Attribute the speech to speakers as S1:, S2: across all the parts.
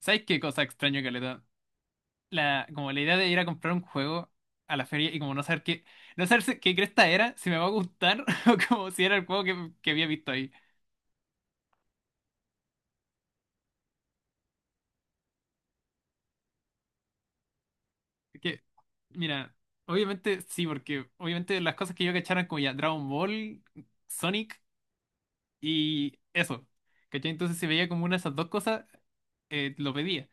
S1: ¿Sabes qué cosa extraño, Caleta? La, como la idea de ir a comprar un juego a la feria y como no saber qué, no saber qué cresta era, si me va a gustar o como si era el juego que había visto ahí. Es que, mira, obviamente sí, porque obviamente las cosas que yo cachara eran como ya Dragon Ball, Sonic y eso. ¿Cachai? Entonces si veía como una de esas dos cosas, lo pedía.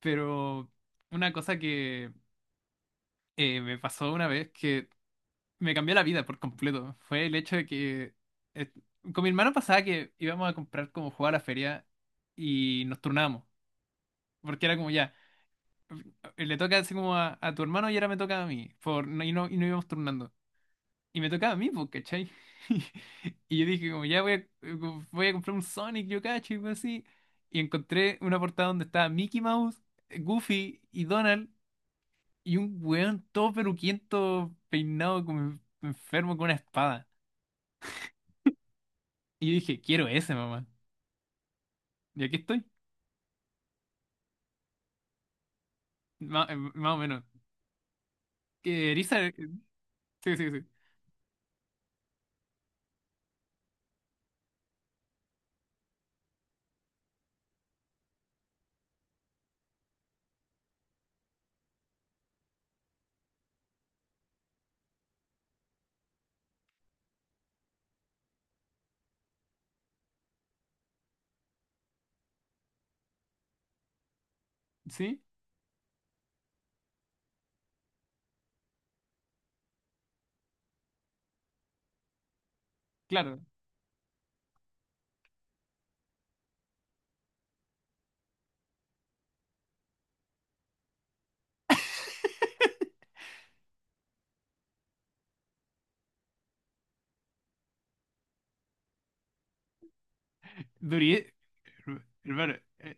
S1: Pero una cosa que me pasó una vez que me cambió la vida por completo. Fue el hecho de que eh, con mi hermano pasaba que íbamos a comprar como jugar a la feria y nos turnábamos. Porque era como ya, le toca así como a tu hermano y ahora me toca a mí. Por, no- y, no, y no íbamos turnando. Y me tocaba a mí, pues, ¿cachai? Y yo dije como ya voy a comprar un Sonic, yo cacho, y algo así. Y encontré una portada donde estaba Mickey Mouse, Goofy y Donald. Y un weón todo peruquiento, peinado como enfermo con una espada. Y yo dije, quiero ese, mamá. Y aquí estoy. Más o menos. Que Eriza, sí, sí, sí. Sí, claro. Durie, hermano, eh,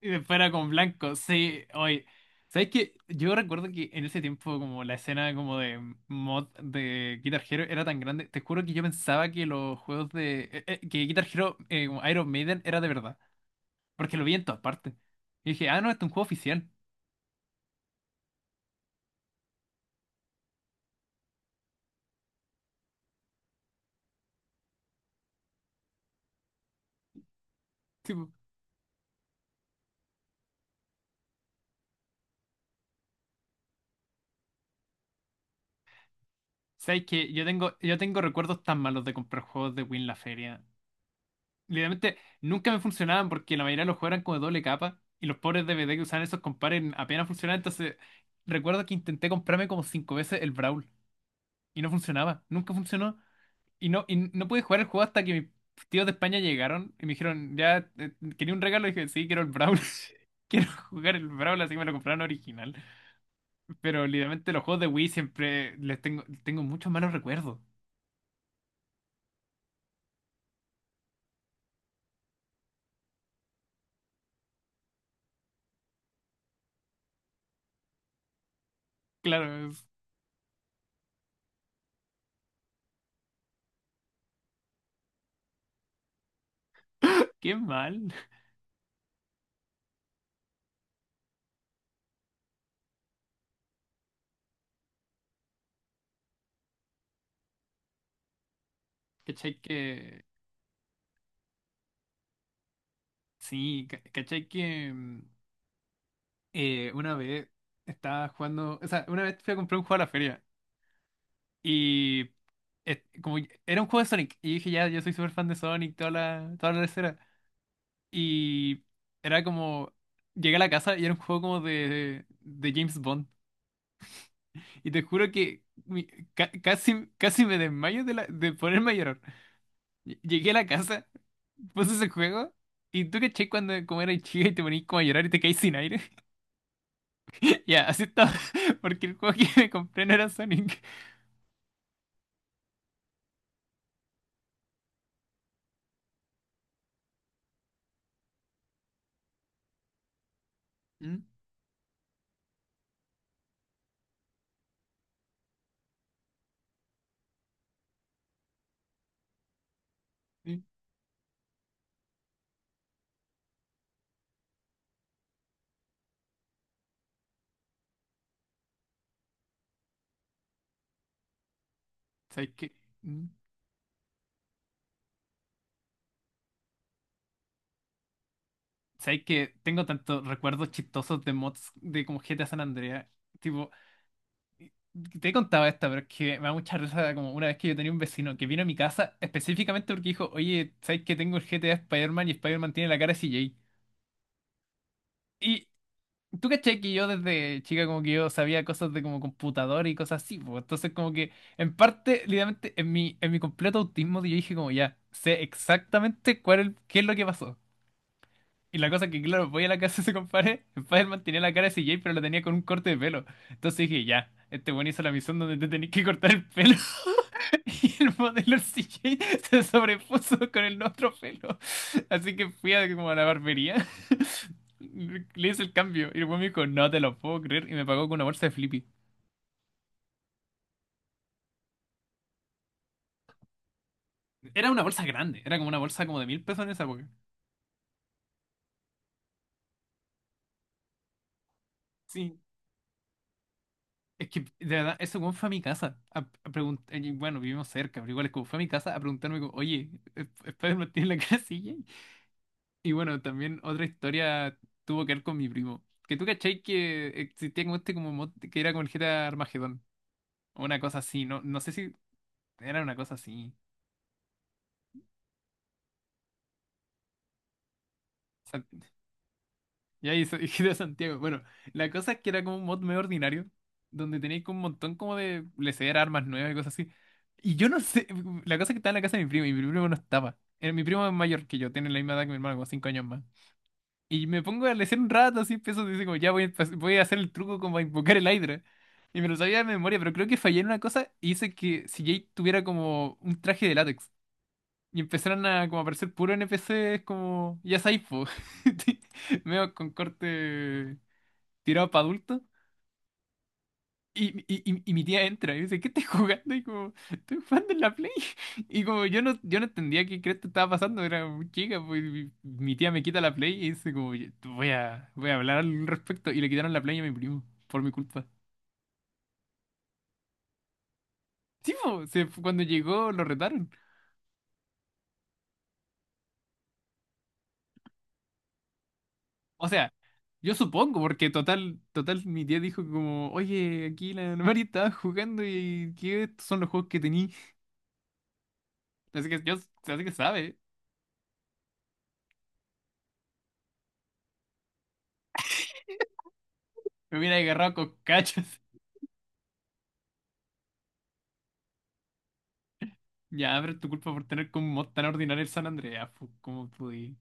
S1: y después era con blanco, sí, oye. ¿Sabes qué? Yo recuerdo que en ese tiempo como la escena como de mod de Guitar Hero era tan grande, te juro que yo pensaba que los juegos de que Guitar Hero, como Iron Maiden era de verdad, porque lo vi en todas partes. Y dije, ah, no, este es un juego oficial. Sabes que yo tengo recuerdos tan malos de comprar juegos de Wii en la feria. Literalmente nunca me funcionaban porque la mayoría de los juegos eran como de doble capa y los pobres DVD que usaban esos compares apenas funcionaban. Entonces, recuerdo que intenté comprarme como 5 veces el Brawl y no funcionaba, nunca funcionó. Y no pude jugar el juego hasta que mis tíos de España llegaron y me dijeron, ya, quería un regalo. Y dije, sí, quiero el Brawl. Quiero jugar el Brawl, así que me lo compraron original. Pero literalmente los juegos de Wii siempre les tengo muchos malos recuerdos. Claro. Qué mal. ¿Cachai que? Sí, ¿cachai que una vez estaba jugando? O sea, una vez fui a comprar un juego a la feria y era un juego de Sonic y dije, ya, yo soy súper fan de Sonic, toda la escena. Y era como. Llegué a la casa y era un juego como de James Bond. Y te juro que casi, casi me desmayo de ponerme a llorar. Llegué a la casa puse ese juego. Y tú caché cuando como eras chica y te ponías como a llorar y te caís sin aire. Ya, así estaba. Porque el juego que me compré no era Sonic. Mm, sí. ¿Sabes qué? Mm. ¿Sabes qué? Tengo tantos recuerdos chistosos de mods de como GTA San Andreas. Tipo, te he contado esta, pero es que me da mucha risa como una vez que yo tenía un vecino que vino a mi casa específicamente porque dijo, oye, ¿sabes qué? Tengo el GTA Spider-Man y Spider-Man tiene la cara de CJ. Y tú caché que yo desde chica como que yo sabía cosas de como computador y cosas así, pues entonces como que en parte, literalmente, en mi completo autismo yo dije como ya, sé exactamente cuál es, qué es lo que pasó. Y la cosa es que, claro, voy a la casa de ese compadre, Spider-Man tenía la cara de CJ, pero la tenía con un corte de pelo. Entonces dije, ya, este buen hizo la misión donde te tenés que cortar el pelo. Y el modelo CJ se sobrepuso con el otro pelo. Así que fui como a la barbería. Le hice el cambio. Y el buen me dijo, no te lo puedo creer. Y me pagó con una bolsa de Flippy. Era una bolsa grande, era como una bolsa como de 1.000 pesos en esa época. Sí. Es que, de verdad, ese weón fue a mi casa y bueno, vivimos cerca, pero igual es como fue a mi casa a preguntarme como, oye, ¿Spider-Man tiene la casilla? Y bueno, también otra historia tuvo que ver con mi primo. Que tú cachai que existía como este como mod que era con el GTA Armagedón. O una cosa así, no, no sé si era una cosa así. Ya, y de Santiago. Bueno, la cosa es que era como un mod medio ordinario, donde tenéis como un montón como de lesear armas nuevas y cosas así. Y yo no sé, la cosa es que estaba en la casa de mi primo, y mi primo no estaba. Mi primo es mayor que yo, tiene la misma edad que mi hermano, como 5 años más. Y me pongo a lesear un rato, así empiezo, dice como, ya voy a hacer el truco como a invocar el Hydra. Y me lo sabía de memoria, pero creo que fallé en una cosa y hice que si Jade tuviera como un traje de látex. Y empezaron a como aparecer puros NPCs como, ya sabéis, po. Medio con corte tirado para adultos. Y mi tía entra y dice, ¿qué estás jugando? Y como, estoy jugando en la Play. Y como yo no entendía qué crees que estaba pasando, era muy chica, pues mi tía me quita la Play y dice como, "Oye, tú voy a hablar al respecto". Y le quitaron la Play a mi primo, por mi culpa. Sí, po, cuando llegó lo retaron. O sea, yo supongo, porque total, total, mi tía dijo como, oye, aquí la Mari estaba jugando y que estos son los juegos que tení. Así que yo, así que sabe, me hubiera agarrado con cachas. Ya, pero es tu culpa por tener como un mod tan ordinario el San Andreas, pu, ¿cómo pude?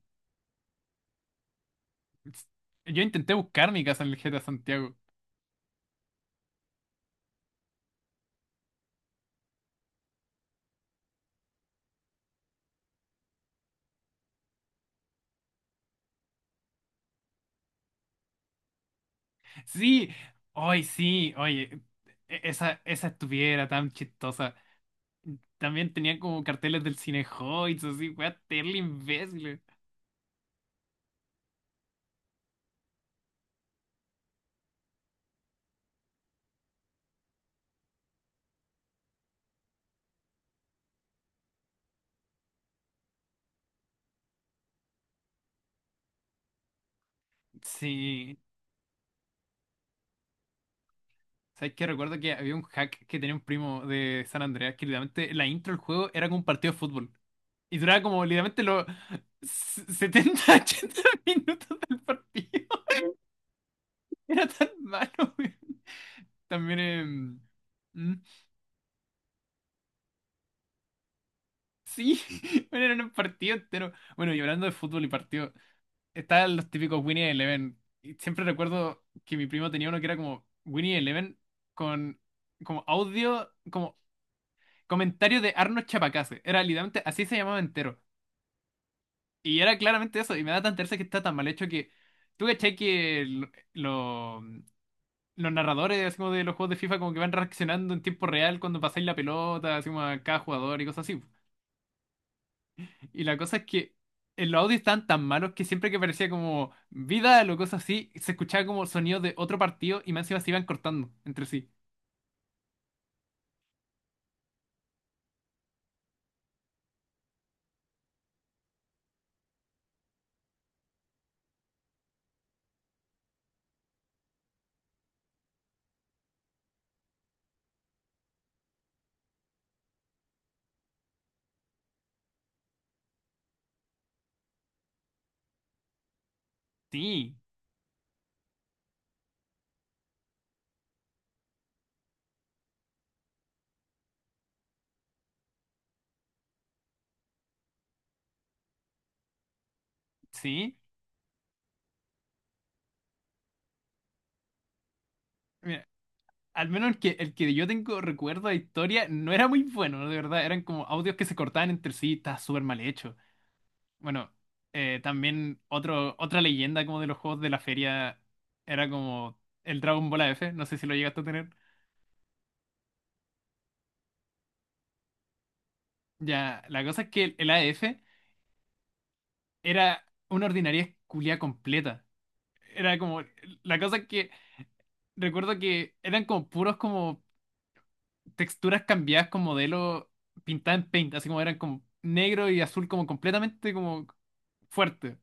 S1: Yo intenté buscar mi casa en el GTA Santiago. Sí, hoy sí, oye, esa estuviera tan chistosa. También tenía como carteles del Cinehoids, así, weá, terrible imbécil. Sí, ¿sabes qué? Recuerdo que había un hack que tenía un primo de San Andreas que literalmente la intro del juego era como un partido de fútbol. Y duraba como literalmente los 70 80 minutos del partido. Era tan malo, güey. También mm, sí, bueno, era un partido entero. Bueno, y hablando de fútbol y partido, estaban los típicos Winnie Eleven. Y siempre recuerdo que mi primo tenía uno que era como Winnie Eleven con como audio, como comentario de Arnold Chapacase. Era literalmente, así se llamaba entero. Y era claramente eso, y me da tan tercia que está tan mal hecho que. ¿Tú cachai que lo los narradores así como de los juegos de FIFA como que van reaccionando en tiempo real cuando pasáis la pelota, así como a cada jugador y cosas así? Y la cosa es que en los audios estaban tan malos que siempre que parecía como Vidal o cosas así, se escuchaba como sonidos de otro partido y más encima se iban cortando entre sí. Sí, sí. Mira, al menos el que yo tengo recuerdo de historia no era muy bueno, de verdad. Eran como audios que se cortaban entre sí, estaba súper mal hecho. Bueno, también otra leyenda como de los juegos de la feria era como el Dragon Ball AF no sé si lo llegaste a tener. Ya, la cosa es que el AF era una ordinaria culia completa. Era como, la cosa es que recuerdo que eran como puros como texturas cambiadas con modelo pintada en paint, así como eran como negro y azul como completamente como fuerte.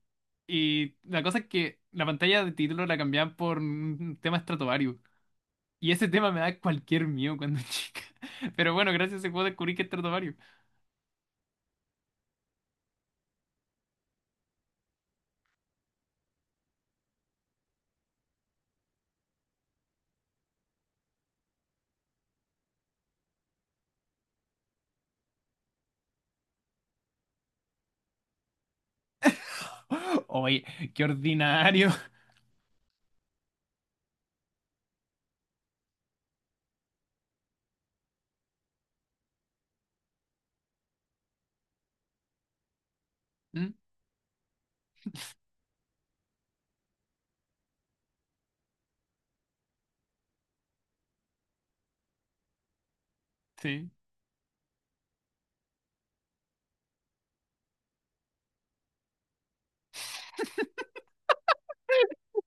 S1: Y la cosa es que la pantalla de título la cambiaban por un tema. Y ese tema me da cualquier miedo cuando chica. Pero bueno, gracias a ese juego descubrí que es Stratovarius. Oye, qué ordinario. ¿Mm? Sí.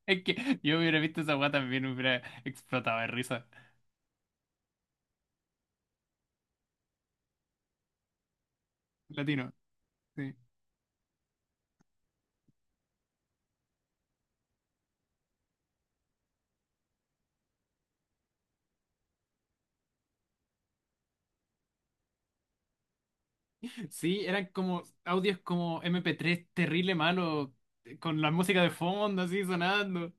S1: Es que yo hubiera visto esa weá también, hubiera explotado de risa. Latino. Sí. Sí, eran como audios como MP3 terrible malo, con la música de fondo así sonando.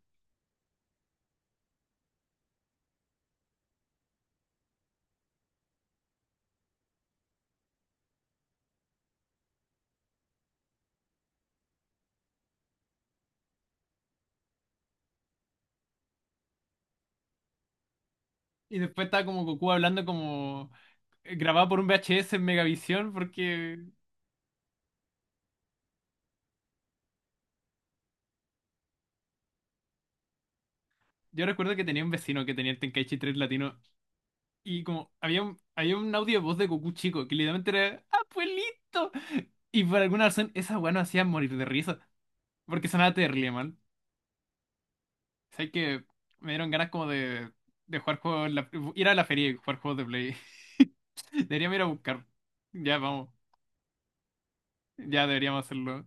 S1: Y después estaba como Goku hablando como grabado por un VHS en Megavisión, porque yo recuerdo que tenía un vecino que tenía el Tenkaichi 3 latino. Y como había un audio de voz de Goku chico que literalmente era ¡Abuelito! Y por alguna razón esa weá no hacía morir de risa. Porque sonaba terrible, man. O sea que me dieron ganas como de jugar juegos, ir a la feria y jugar juegos de Play. Deberíamos ir a buscar. Ya vamos. Ya deberíamos hacerlo.